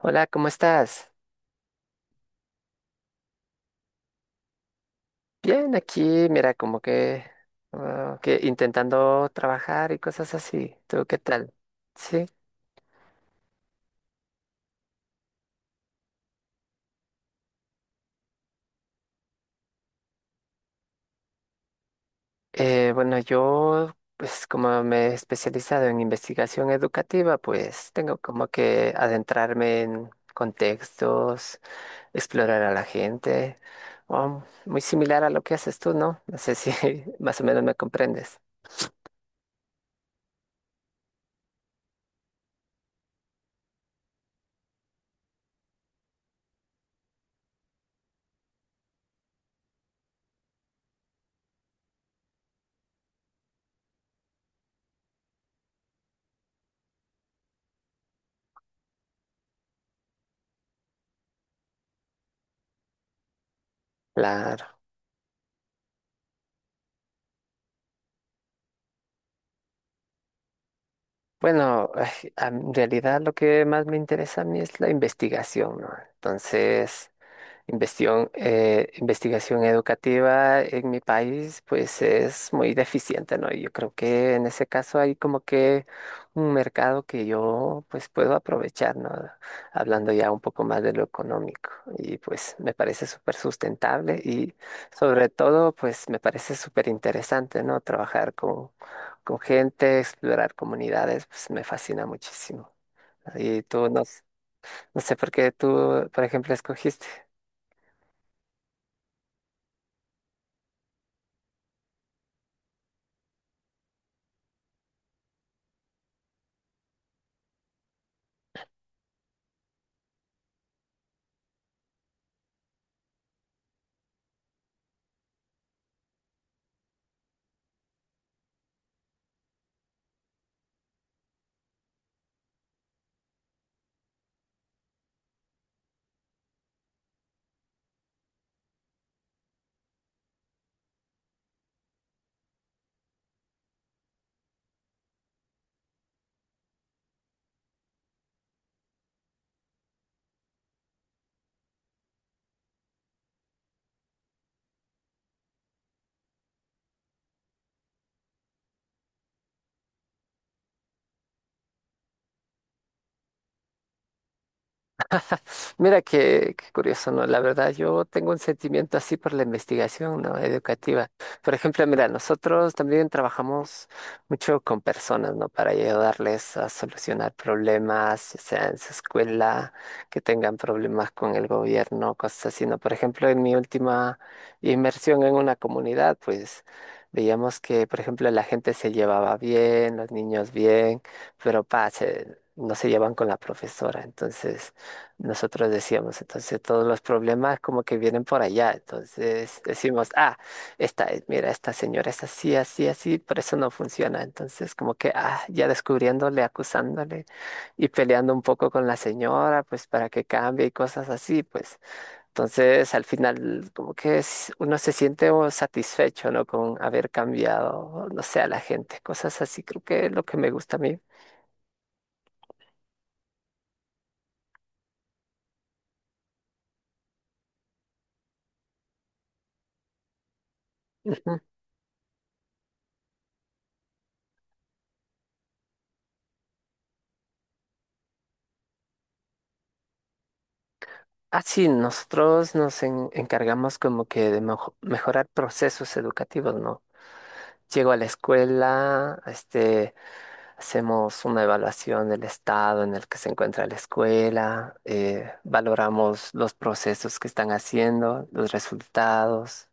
Hola, ¿cómo estás? Bien, aquí, mira, como que, que intentando trabajar y cosas así. ¿Tú qué tal? Sí. Bueno, yo, pues como me he especializado en investigación educativa, pues tengo como que adentrarme en contextos, explorar a la gente, muy similar a lo que haces tú, ¿no? No sé si más o menos me comprendes. Bueno, ay, en realidad lo que más me interesa a mí es la investigación, ¿no? Entonces, investigación educativa en mi país, pues es muy deficiente, ¿no? Y yo creo que en ese caso hay como que un mercado que yo pues puedo aprovechar, ¿no? Hablando ya un poco más de lo económico. Y pues me parece súper sustentable y sobre todo pues me parece súper interesante, ¿no? Trabajar con gente, explorar comunidades, pues me fascina muchísimo. Y tú no, no sé por qué tú, por ejemplo, escogiste. Mira qué, qué curioso, ¿no? La verdad, yo tengo un sentimiento así por la investigación, ¿no? Educativa. Por ejemplo, mira, nosotros también trabajamos mucho con personas, ¿no? Para ayudarles a solucionar problemas, ya sea en su escuela, que tengan problemas con el gobierno, cosas así, ¿no? Por ejemplo, en mi última inmersión en una comunidad, pues veíamos que, por ejemplo, la gente se llevaba bien, los niños bien, pero no se llevan con la profesora. Entonces, nosotros decíamos, entonces todos los problemas como que vienen por allá. Entonces decimos, ah, mira, esta señora es así, así, así, por eso no funciona. Entonces como que, ah, ya descubriéndole, acusándole y peleando un poco con la señora, pues para que cambie y cosas así, pues. Entonces al final como que es, uno se siente oh, satisfecho, ¿no? Con haber cambiado, no sé, a la gente, cosas así, creo que es lo que me gusta a mí. Así, nosotros encargamos como que de mejorar procesos educativos, ¿no? Llego a la escuela, este, hacemos una evaluación del estado en el que se encuentra la escuela, valoramos los procesos que están haciendo, los resultados,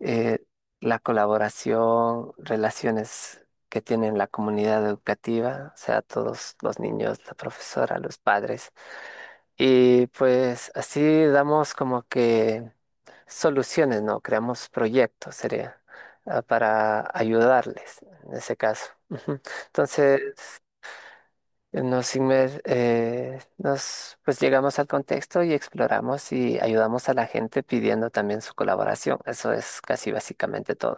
eh, la colaboración, relaciones que tienen la comunidad educativa, o sea, todos los niños, la profesora, los padres. Y pues así damos como que soluciones, no, creamos proyectos, sería para ayudarles en ese caso. Ujú. Entonces, nos pues llegamos al contexto y exploramos y ayudamos a la gente pidiendo también su colaboración. Eso es casi básicamente todo.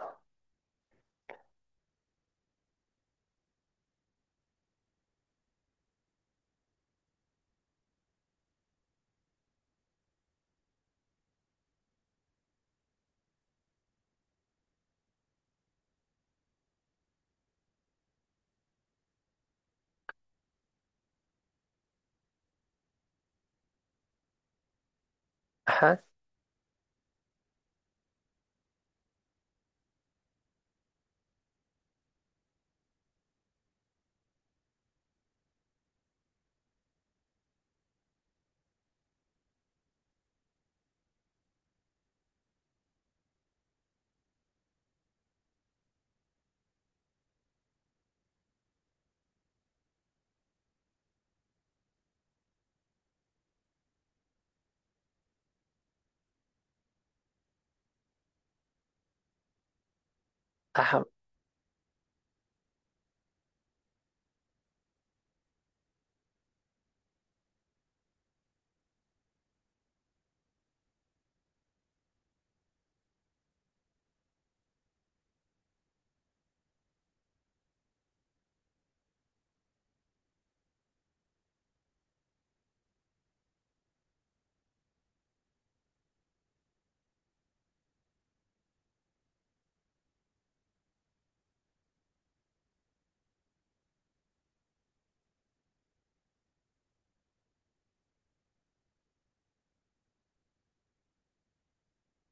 Ajá. Ajá,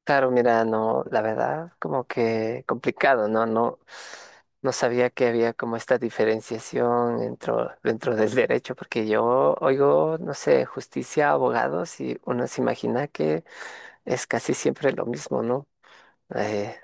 claro, mira, no, la verdad, como que complicado, ¿no? No, no sabía que había como esta diferenciación dentro, dentro del derecho, porque yo oigo, no sé, justicia, abogados, y uno se imagina que es casi siempre lo mismo, ¿no? Eh,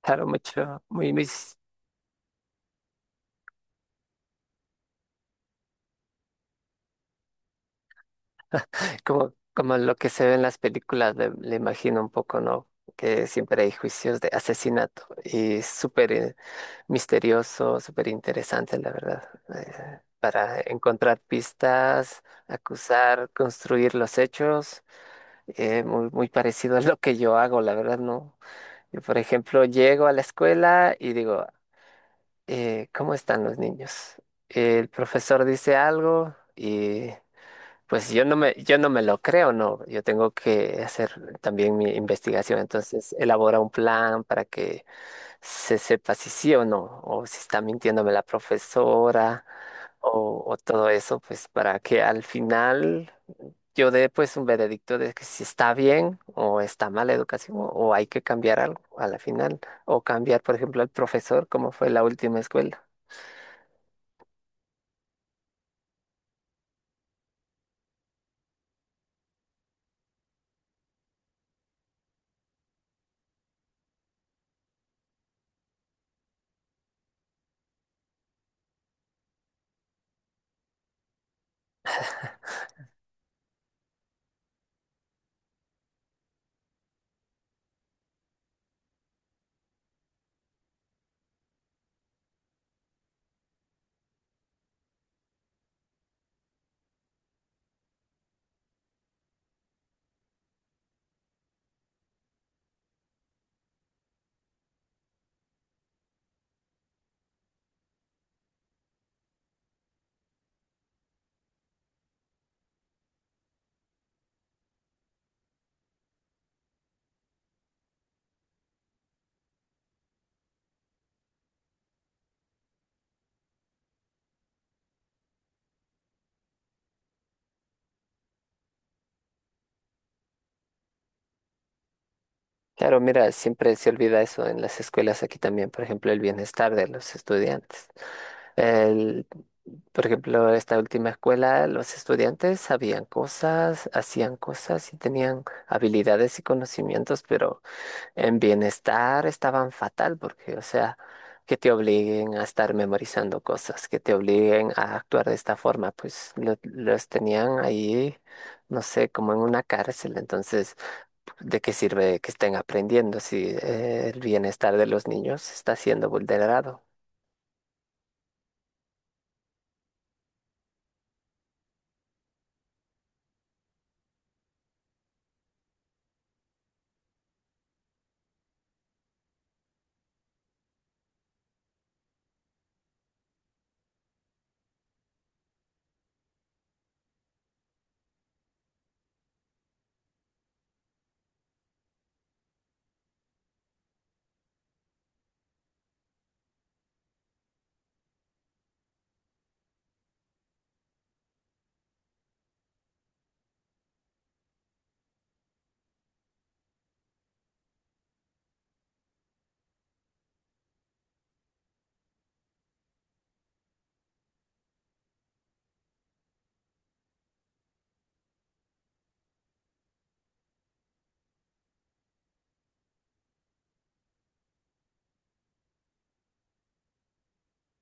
claro, mucho, muy, muy, como, como lo que se ve en las películas, le imagino un poco, ¿no? Que siempre hay juicios de asesinato y súper misterioso, súper interesante, la verdad, para encontrar pistas, acusar, construir los hechos, muy, muy parecido a lo que yo hago, la verdad, ¿no? Yo, por ejemplo, llego a la escuela y digo, ¿cómo están los niños? El profesor dice algo, y pues yo no me lo creo, ¿no? Yo tengo que hacer también mi investigación, entonces elabora un plan para que se sepa si sí o no, o si está mintiéndome la profesora, o todo eso, pues para que al final yo dé pues un veredicto de que si está bien o está mal la educación, o hay que cambiar algo a la final, o cambiar, por ejemplo, al profesor, como fue la última escuela. Claro, mira, siempre se olvida eso en las escuelas aquí también, por ejemplo, el bienestar de los estudiantes. El- por ejemplo, esta última escuela, los estudiantes sabían cosas, hacían cosas y tenían habilidades y conocimientos, pero en bienestar estaban fatal porque, o sea, que te obliguen a estar memorizando cosas, que te obliguen a actuar de esta forma, pues los tenían ahí, no sé, como en una cárcel, entonces, ¿de qué sirve que estén aprendiendo si el bienestar de los niños está siendo vulnerado?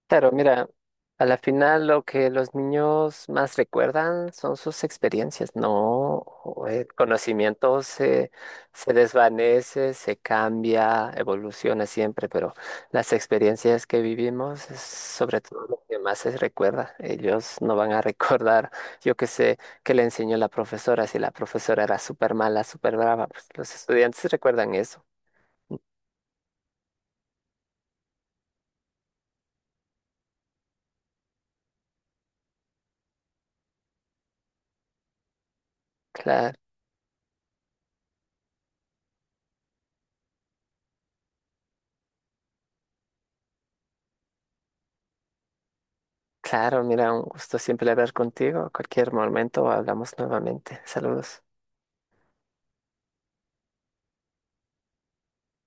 Claro, mira, a la final lo que los niños más recuerdan son sus experiencias, ¿no? O el conocimiento se, se desvanece, se cambia, evoluciona siempre, pero las experiencias que vivimos es sobre todo lo que más se recuerda. Ellos no van a recordar, yo qué sé, qué le enseñó la profesora, si la profesora era súper mala, súper brava, pues los estudiantes recuerdan eso. Claro. Claro, mira, un gusto siempre hablar contigo. Cualquier momento hablamos nuevamente. Saludos.